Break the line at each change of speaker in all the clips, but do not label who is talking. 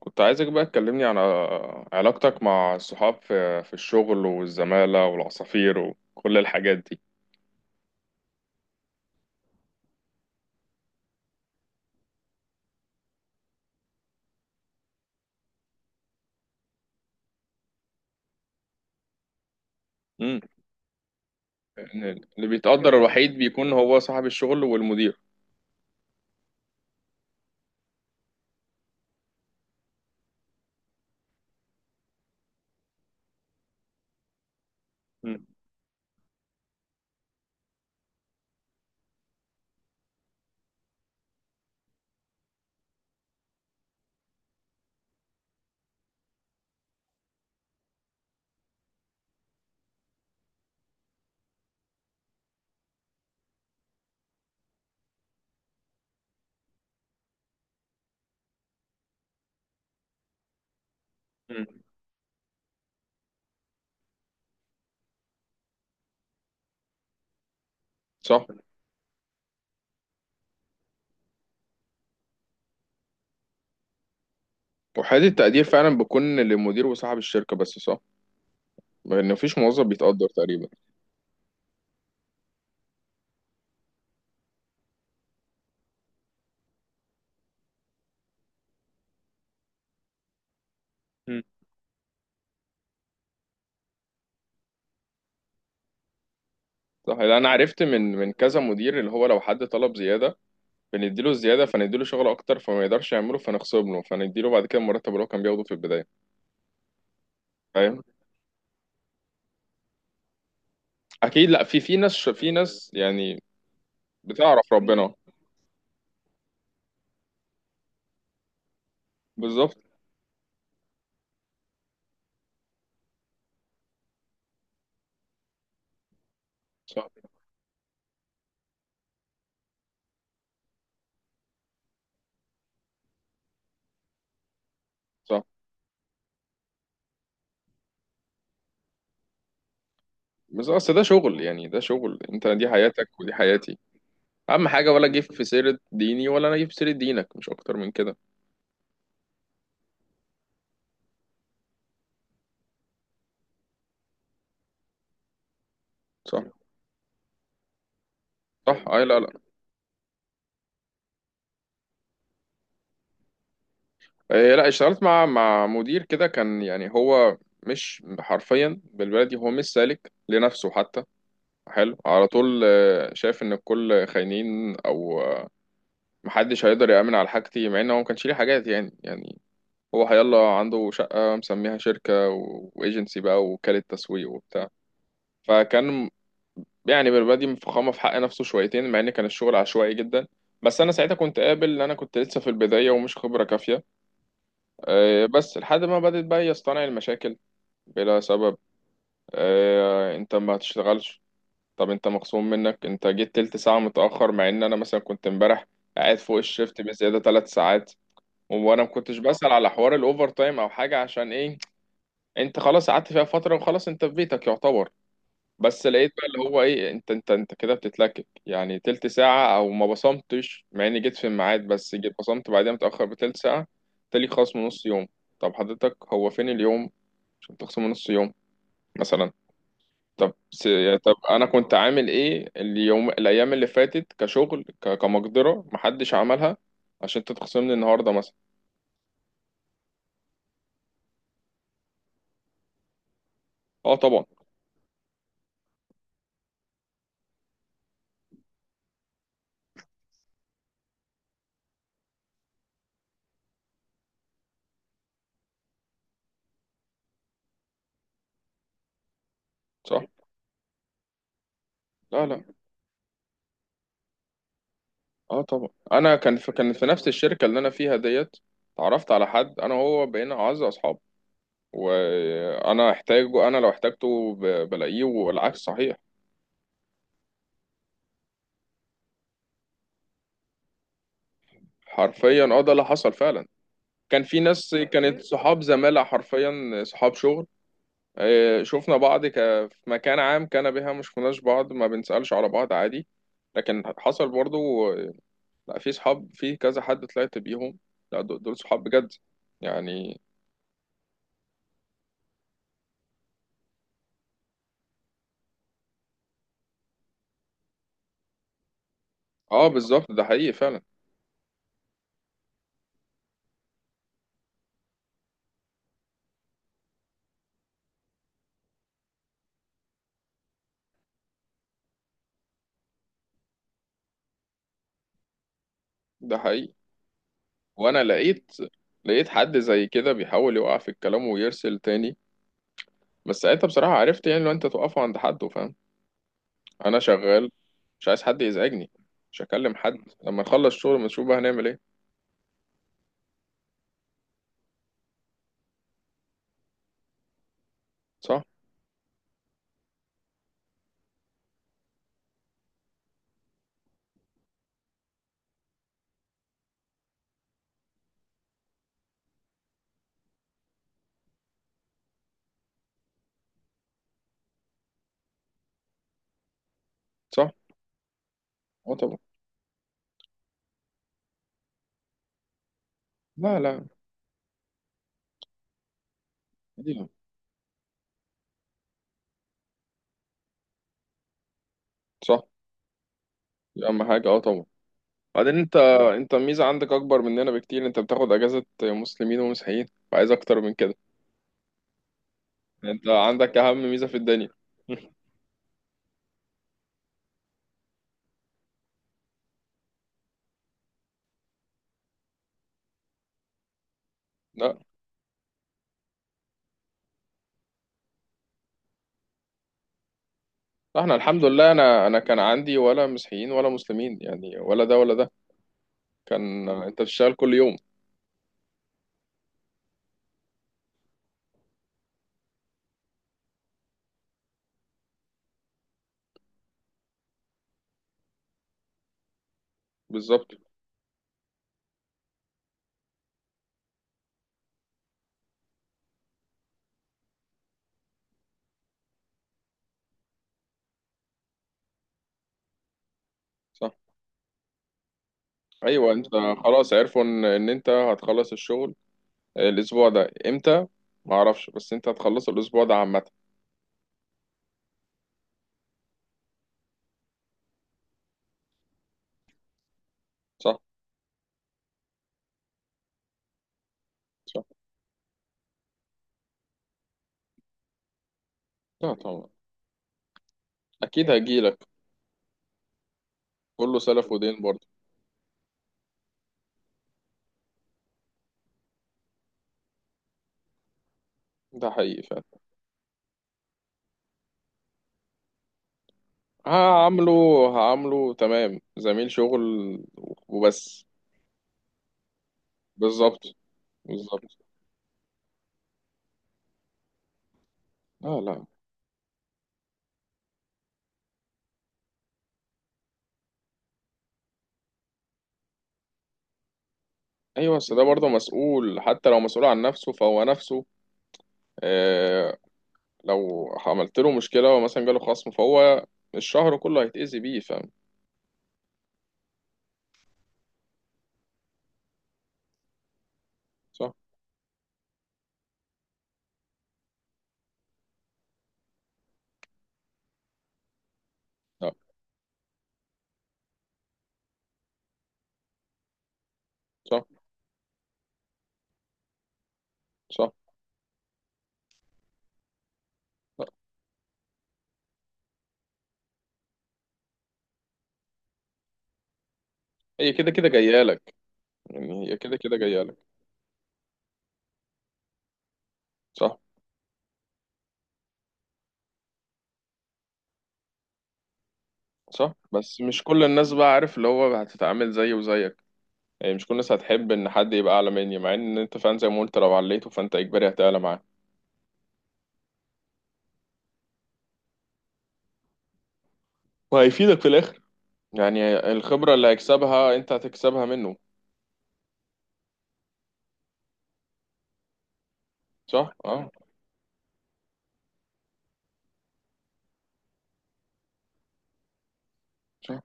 كنت عايزك بقى تكلمني عن علاقتك مع الصحاب في الشغل والزمالة والعصافير وكل الحاجات دي. امم. اللي بيتقدر الوحيد بيكون هو صاحب الشغل والمدير. امم. أمم. صح. وحالة التقدير فعلا بيكون للمدير وصاحب الشركة، بس صح. لأن مفيش موظف بيتقدر تقريبا. أمم. صح. لأن أنا عرفت من كذا مدير، اللي هو لو حد طلب زيادة بنديله الزيادة، فنديله شغل أكتر، فما يقدرش يعمله، فنخصم له، فنديله بعد كده المرتب اللي هو كان بياخده في البداية. فاهم؟ اكيد، لا، في ناس، في ناس يعني. بتعرف ربنا. بالظبط. صح، صح. بس اصل ده شغل، يعني ده شغل، انت دي حياتك ودي حياتي. اهم حاجه، ولا جيب في سيره ديني ولا انا جيب في سيره دينك، مش اكتر من كده. صح، صح. اي، لا، لا. إيه، لا اشتغلت مع مدير كده، كان يعني هو مش حرفيا بالبلدي، هو مش سالك لنفسه حتى. حلو، على طول شايف ان الكل خاينين، او محدش هيقدر يأمن على حاجتي، مع ان هو ما كانش ليه حاجات، يعني. هو هيلا عنده شقة مسميها شركة وإيجنسي بقى، ووكالة تسويق وبتاع. فكان يعني بالبادي مفخمة في حق نفسه شويتين، مع إن كان الشغل عشوائي جدا. بس أنا ساعتها كنت قابل إن أنا كنت لسه في البداية ومش خبرة كافية. بس لحد ما بدأت بقى يصطنع المشاكل بلا سبب. أنت ما تشتغلش، طب أنت مخصوم منك، أنت جيت تلت ساعة متأخر، مع إن أنا مثلا كنت امبارح قاعد فوق الشيفت بزيادة تلات ساعات، وأنا ما كنتش بسأل على حوار الأوفر تايم أو حاجة، عشان إيه؟ انت خلاص قعدت فيها فترة، وخلاص انت في بيتك يعتبر. بس لقيت بقى اللي هو ايه، انت كده بتتلكك يعني تلت ساعة، او ما بصمتش، مع اني جيت في الميعاد بس جيت بصمت بعدين متأخر بتلت ساعة. تالي خصم نص يوم. طب حضرتك هو فين اليوم عشان تخصم نص يوم مثلا؟ طب س... طب انا كنت عامل ايه اليوم، الايام اللي فاتت كشغل، كمقدرة محدش عملها، عشان انت تخصمني النهاردة مثلا؟ اه، طبعا. صح. لا، لا. اه طبعا، انا كان في نفس الشركه اللي انا فيها ديت. اتعرفت على حد، انا وهو بقينا اعز اصحاب. وانا احتاجه انا لو احتاجته بلاقيه، والعكس صحيح. حرفيا، ده اللي حصل فعلا. كان في ناس كانت صحاب زمالة حرفيا، صحاب شغل. شفنا بعض في مكان عام، كان بها مش كناش بعض، ما بنسألش على بعض، عادي. لكن حصل برضو. آه. لا، في صحاب، في كذا حد طلعت بيهم، لا دول، دول صحاب بجد يعني. اه، بالظبط، ده حقيقي فعلا. ده حقيقي. وانا لقيت لقيت حد زي كده بيحاول يوقع في الكلام ويرسل تاني. بس ساعتها بصراحة عرفت، يعني لو انت توقفه عند حد، فاهم؟ انا شغال، مش عايز حد يزعجني، مش هكلم حد، لما نخلص شغل ما نشوف بقى هنعمل ايه. صح، صح. اه، طبعا. لا، لا. عادي. صح. دي اهم حاجة، اه، طبعا. بعدين انت الميزة عندك اكبر مننا بكتير، انت بتاخد اجازة مسلمين ومسيحيين، وعايز اكتر من كده. يعني انت عندك اهم ميزة في الدنيا. لا، احنا الحمد لله، انا كان عندي ولا مسيحيين ولا مسلمين يعني، ولا ده ولا ده. كان انت بتشتغل كل يوم. بالظبط. صح. ايوه، انت خلاص عرفوا ان انت هتخلص الشغل الاسبوع ده امتى. ما اعرفش، بس انت هتخلصه الاسبوع ده عامه. صح، صح. لا طبعا، اكيد هجيلك. كله سلف ودين برضه. ده حقيقي فعلا. هعمله هعمله تمام زميل شغل وبس. بالظبط. بالظبط. لا، لا. ايوه، بس ده برضه مسؤول، حتى لو مسؤول عن نفسه فهو نفسه. آه. لو عملت له مشكله ومثلا جاله خصم، فهو الشهر كله هيتأذي بيه، فاهم؟ صح. لا. صح، صح. لا. هي كده كده جايه لك، يعني هي كده كده جايه لك. صح. صح، بس مش كل الناس بقى، عارف اللي هو هتتعامل زيه وزيك، يعني مش كل الناس هتحب ان حد يبقى اعلى مني، مع ان انت فعلا زي ما قلت لو عليته فانت اجباري هتعلى معاه، وهيفيدك في الاخر، يعني الخبره اللي هيكسبها انت هتكسبها منه. صح، اه. صح.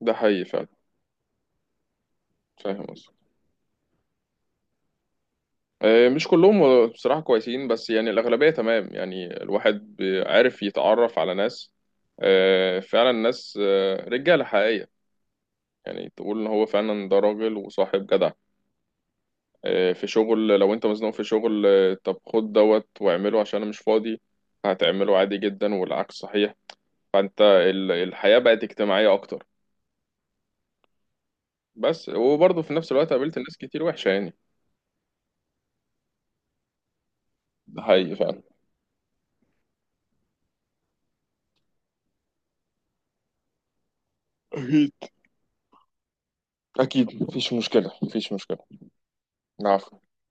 ده حقيقي فعلا. فاهم قصدك. مش كلهم بصراحة كويسين، بس يعني الأغلبية تمام، يعني الواحد عارف يتعرف على ناس، فعلا ناس، رجالة حقيقية. يعني تقول إن هو فعلا ده راجل وصاحب جدع. في شغل لو أنت مزنوق في شغل، طب خد دوت واعمله عشان أنا مش فاضي، هتعمله عادي جدا، والعكس صحيح. فأنت الحياة بقت اجتماعية أكتر. بس وبرضه في نفس الوقت قابلت ناس كتير وحشة يعني. ده حقيقي فعلا. أكيد. أكيد، مفيش مشكلة، مفيش مشكلة. العفو.